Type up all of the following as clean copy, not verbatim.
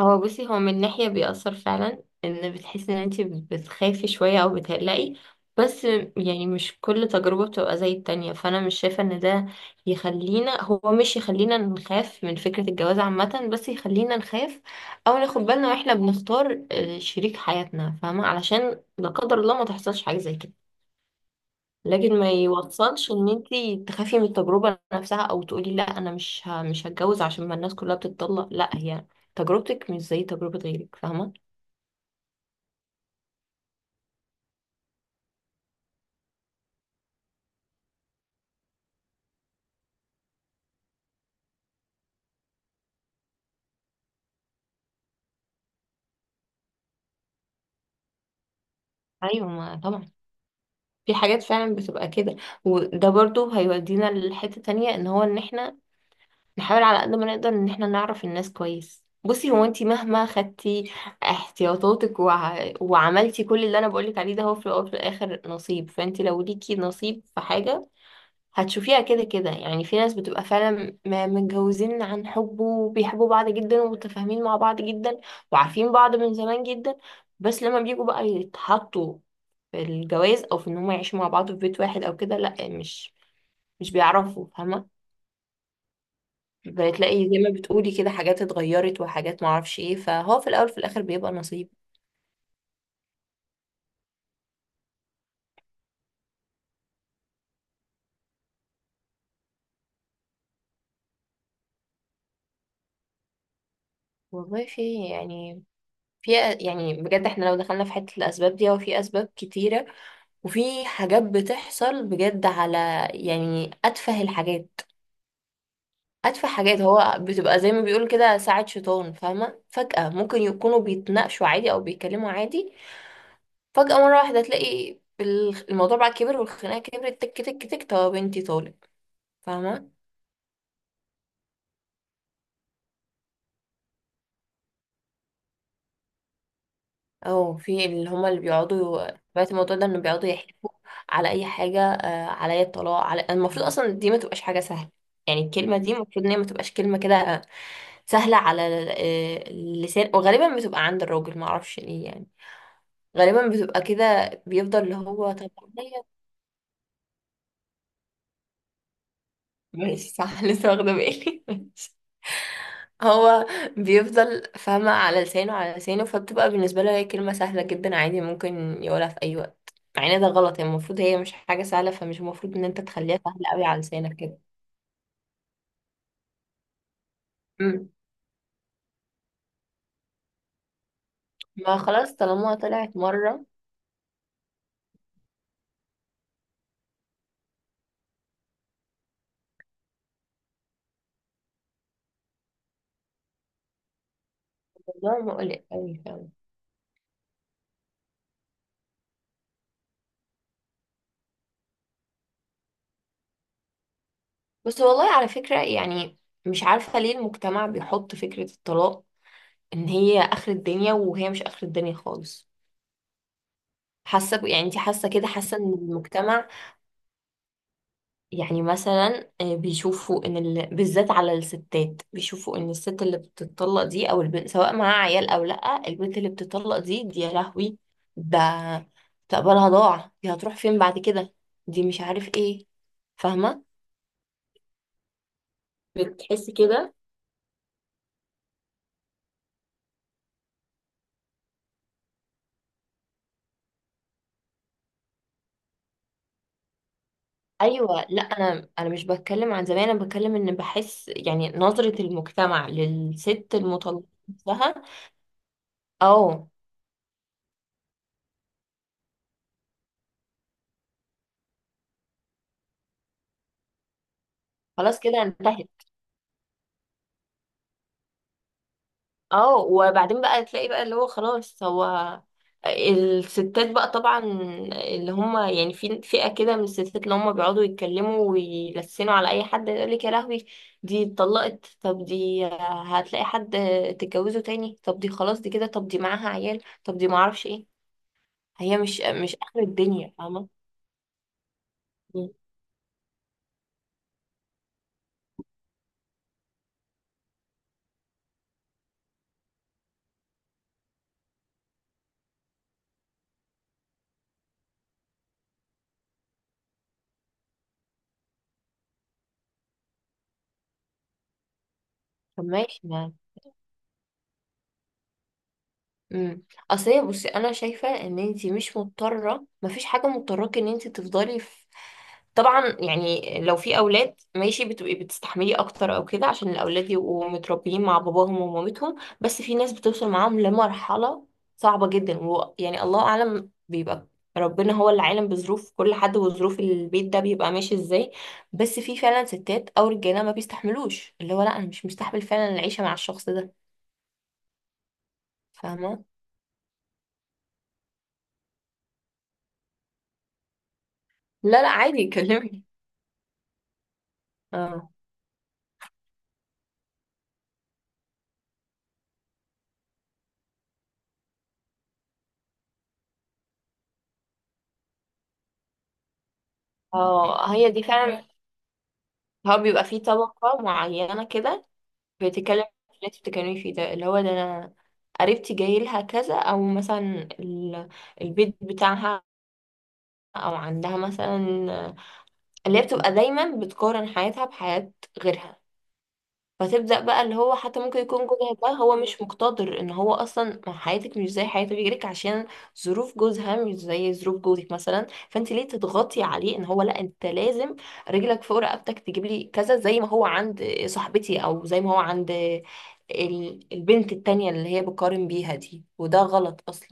هو بصي من ناحية بيأثر فعلا ان بتحسي ان انتي بتخافي شوية او بتقلقي، بس يعني مش كل تجربة بتبقى زي التانية، فانا مش شايفة ان ده يخلينا هو مش يخلينا نخاف من فكرة الجواز عامة، بس يخلينا نخاف او ناخد بالنا واحنا بنختار شريك حياتنا، فاهمة؟ علشان لا قدر الله ما تحصلش حاجة زي كده. لكن ما يوصلش ان انتي تخافي من التجربة نفسها او تقولي لا انا مش هتجوز عشان ما الناس كلها بتتطلق. لا، هي تجربتك مش زي تجربة غيرك، فاهمة؟ ايوه، ما طبعا في حاجات فعلا بتبقى كده. وده برضو هيودينا لحتة تانية، ان هو ان احنا نحاول على قد ما نقدر ان احنا نعرف الناس كويس. بصي، هو انتي مهما خدتي احتياطاتك وعملتي كل اللي انا بقولك عليه ده، هو في الاول وفي الاخر نصيب. فانتي لو ليكي نصيب في حاجة هتشوفيها كده كده. يعني في ناس بتبقى فعلا متجوزين عن حب، وبيحبوا بعض جدا، ومتفاهمين مع بعض جدا، وعارفين بعض من زمان جدا، بس لما بيجوا بقى يتحطوا في الجواز او في ان هم يعيشوا مع بعض في بيت واحد او كده، لا مش بيعرفوا، فاهمة؟ بتلاقي زي ما بتقولي كده حاجات اتغيرت وحاجات معرفش ايه، فهو في الاول في الاخر بيبقى نصيب. والله في يعني، في بجد احنا لو دخلنا في حتة الاسباب دي، هو في اسباب كتيرة وفي حاجات بتحصل بجد على يعني أتفه الحاجات. أتفه حاجات هو بتبقى زي ما بيقول كده، ساعة شيطان، فاهمة؟ فجأة ممكن يكونوا بيتناقشوا عادي أو بيتكلموا عادي، فجأة مرة واحدة تلاقي الموضوع بقى كبر، والخناقة كبرت، تك تك تك، طب بنتي طالب، فاهمة؟ او في اللي هما اللي بيقعدوا، سمعت الموضوع ده انه بيقعدوا يحلفوا على اي حاجه، عليا الطلاق. على المفروض اصلا دي ما تبقاش حاجه سهله. يعني الكلمه دي المفروض ان هي ما تبقاش كلمه كده سهله على اللسان. وغالبا بتبقى عند الراجل، ما اعرفش ليه يعني. غالبا بتبقى كده، بيفضل اللي هو طب عليا. ماشي، صح، لسه واخده بالي هو بيفضل، فاهمة، على لسانه، على لسانه، فبتبقى بالنسبة له هي كلمة سهلة جدا عادي، ممكن يقولها في أي وقت. مع ان ده غلط، هي المفروض هي مش حاجة سهلة، فمش المفروض ان انت تخليها سهلة قوي على لسانك كده. مم. ما خلاص طالما طلعت مرة. الموضوع مقلق قوي، فاهمة؟ بس والله على فكرة يعني مش عارفة ليه المجتمع بيحط فكرة الطلاق ان هي آخر الدنيا، وهي مش آخر الدنيا خالص. حاسة يعني انت حاسة كده، حاسة ان المجتمع، يعني مثلا بيشوفوا ان بالذات على الستات، بيشوفوا ان الست اللي بتطلق دي او البنت، سواء معاها عيال او لا، البنت اللي بتطلق دي يا لهوي، ده مستقبلها ضاع، دي هتروح فين بعد كده، دي مش عارف ايه، فاهمة؟ بتحس كده؟ ايوه، لا انا مش بتكلم عن زمان، انا بتكلم ان بحس يعني نظرة المجتمع للست المطلقة نفسها. اه، خلاص كده انتهت. اه، وبعدين بقى تلاقي بقى اللي هو خلاص. هو الستات بقى طبعا، اللي هم يعني في فئة كده من الستات اللي هم بيقعدوا يتكلموا ويلسنوا على أي حد، يقول لك يا لهوي، دي اتطلقت، طب دي هتلاقي حد تتجوزه تاني؟ طب دي خلاص دي كده، طب دي معاها عيال، طب دي معرفش ايه. هي مش آخر الدنيا، فاهمة؟ مم. طب ماشي. امم اصل هي، بصي انا شايفه ان انت مش مضطره، مفيش حاجه مضطراك ان انت تفضلي في. طبعا يعني لو في اولاد، ماشي، بتبقي بتستحملي اكتر او كده عشان الاولاد يبقوا متربيين مع باباهم ومامتهم، بس في ناس بتوصل معاهم لمرحله صعبه جدا، ويعني الله اعلم، بيبقى ربنا هو اللي عالم بظروف كل حد وظروف البيت ده بيبقى ماشي ازاي. بس في فعلا ستات او رجاله ما بيستحملوش، اللي هو لا انا مش مستحمل فعلا العيشه مع الشخص ده، فاهمه؟ لا لا، عادي، كلمني. اه، اه، هي دي فعلا. هو بيبقى فيه طبقة معينة كده بتتكلم في اللي انت بتتكلمي فيه ده، اللي هو ده انا قريبتي جاي لها كذا، او مثلا ال- البيت بتاعها، او عندها مثلا، اللي هي بتبقى دايما بتقارن حياتها بحياة غيرها. فتبدأ بقى اللي هو حتى ممكن يكون جوزها ده هو مش مقتدر ان هو اصلا، ما حياتك مش زي حياة غيرك، عشان ظروف جوزها مش زي ظروف جوزك مثلا، فانت ليه تضغطي عليه ان هو لا انت لازم رجلك فوق رقبتك تجيب لي كذا زي ما هو عند صاحبتي، او زي ما هو عند البنت التانية اللي هي بقارن بيها دي، وده غلط اصلا.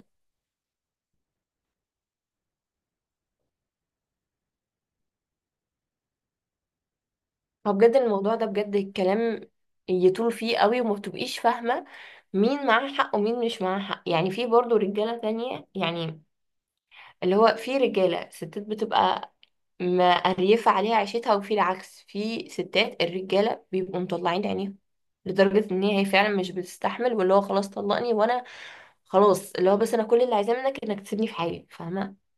فبجد الموضوع ده، بجد الكلام يطول فيه قوي، وما بتبقيش فاهمة مين معاه حق ومين مش معاه حق. يعني في برضه رجالة تانية يعني، اللي هو في رجالة ستات بتبقى مقريفة عليها عيشتها، وفي العكس، في ستات الرجالة بيبقوا مطلعين عينيهم لدرجة ان هي فعلا مش بتستحمل، واللي هو خلاص طلقني وانا خلاص، اللي هو بس انا كل اللي عايزاه منك انك تسيبني في حالي، فاهمة؟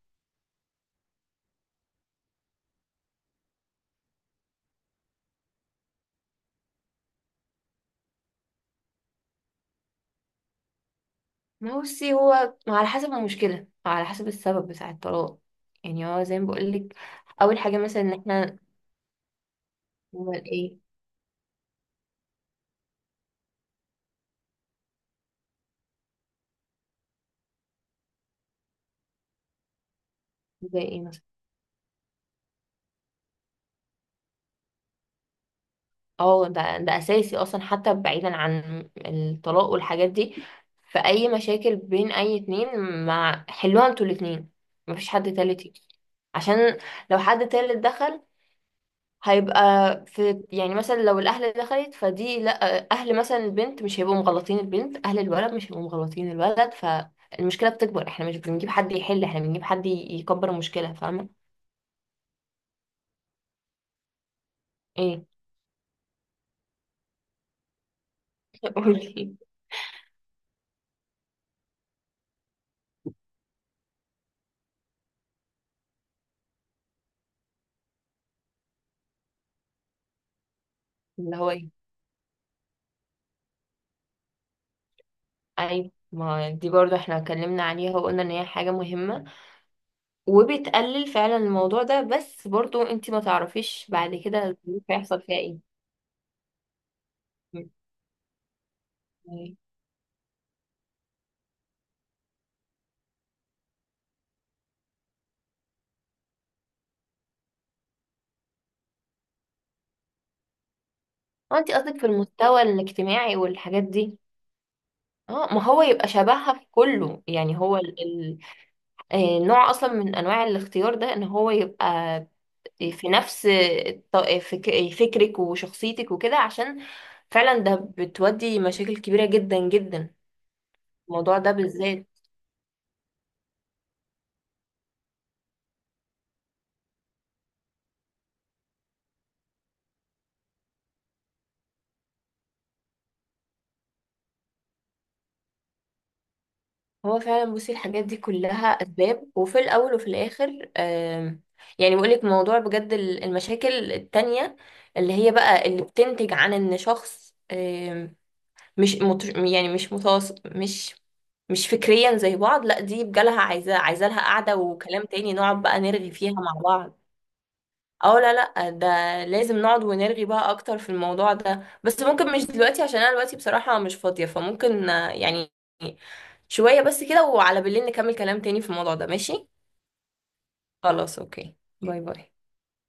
ما هو بصي هو على حسب المشكلة، على حسب السبب بتاع الطلاق. يعني هو زي ما بقولك، اول حاجة مثلا ان احنا نعمل ايه. زي ايه مثلا؟ اه، ده اساسي اصلا. حتى بعيدا عن الطلاق والحاجات دي، في اي مشاكل بين اي اتنين، ما حلوها انتوا الاتنين، مفيش حد تالت يجي. عشان لو حد تالت دخل، هيبقى في، يعني مثلا لو الاهل دخلت، فدي لا، اهل مثلا البنت مش هيبقوا مغلطين البنت، اهل الولد مش هيبقوا مغلطين الولد، فالمشكلة بتكبر. احنا مش بنجيب حد يحل، احنا بنجيب حد يكبر المشكلة، فاهمة؟ ايه. قولي. اللي هو إيه؟ ايوه، ما دي برضو احنا اتكلمنا عليها وقلنا ان هي حاجة مهمة وبتقلل فعلا الموضوع ده، بس برضو انت ما تعرفيش بعد كده الظروف هيحصل فيها ايه. م. اه، انت قصدك في المستوى الاجتماعي والحاجات دي. اه، ما هو يبقى شبهها في كله، يعني هو ال... ال... آه، نوع اصلا من انواع الاختيار ده، ان هو يبقى في نفس فكرك وشخصيتك وكده. عشان فعلا ده بتودي مشاكل كبيرة جدا جدا، الموضوع ده بالذات. هو فعلا بصي الحاجات دي كلها اسباب، وفي الاول وفي الاخر يعني بقول لك، موضوع بجد المشاكل التانية اللي هي بقى اللي بتنتج عن ان شخص مش مت... يعني مش متواصل، مش فكريا زي بعض، لا دي بجالها عايزة، لها قعدة وكلام تاني، نقعد بقى نرغي فيها مع بعض. اه، لا لا، ده لازم نقعد ونرغي بقى اكتر في الموضوع ده، بس ممكن مش دلوقتي عشان انا دلوقتي بصراحة مش فاضية، فممكن يعني شوية بس كده، وعلى بالليل نكمل كلام تاني في الموضوع ده، ماشي؟ خلاص، اوكي، باي باي.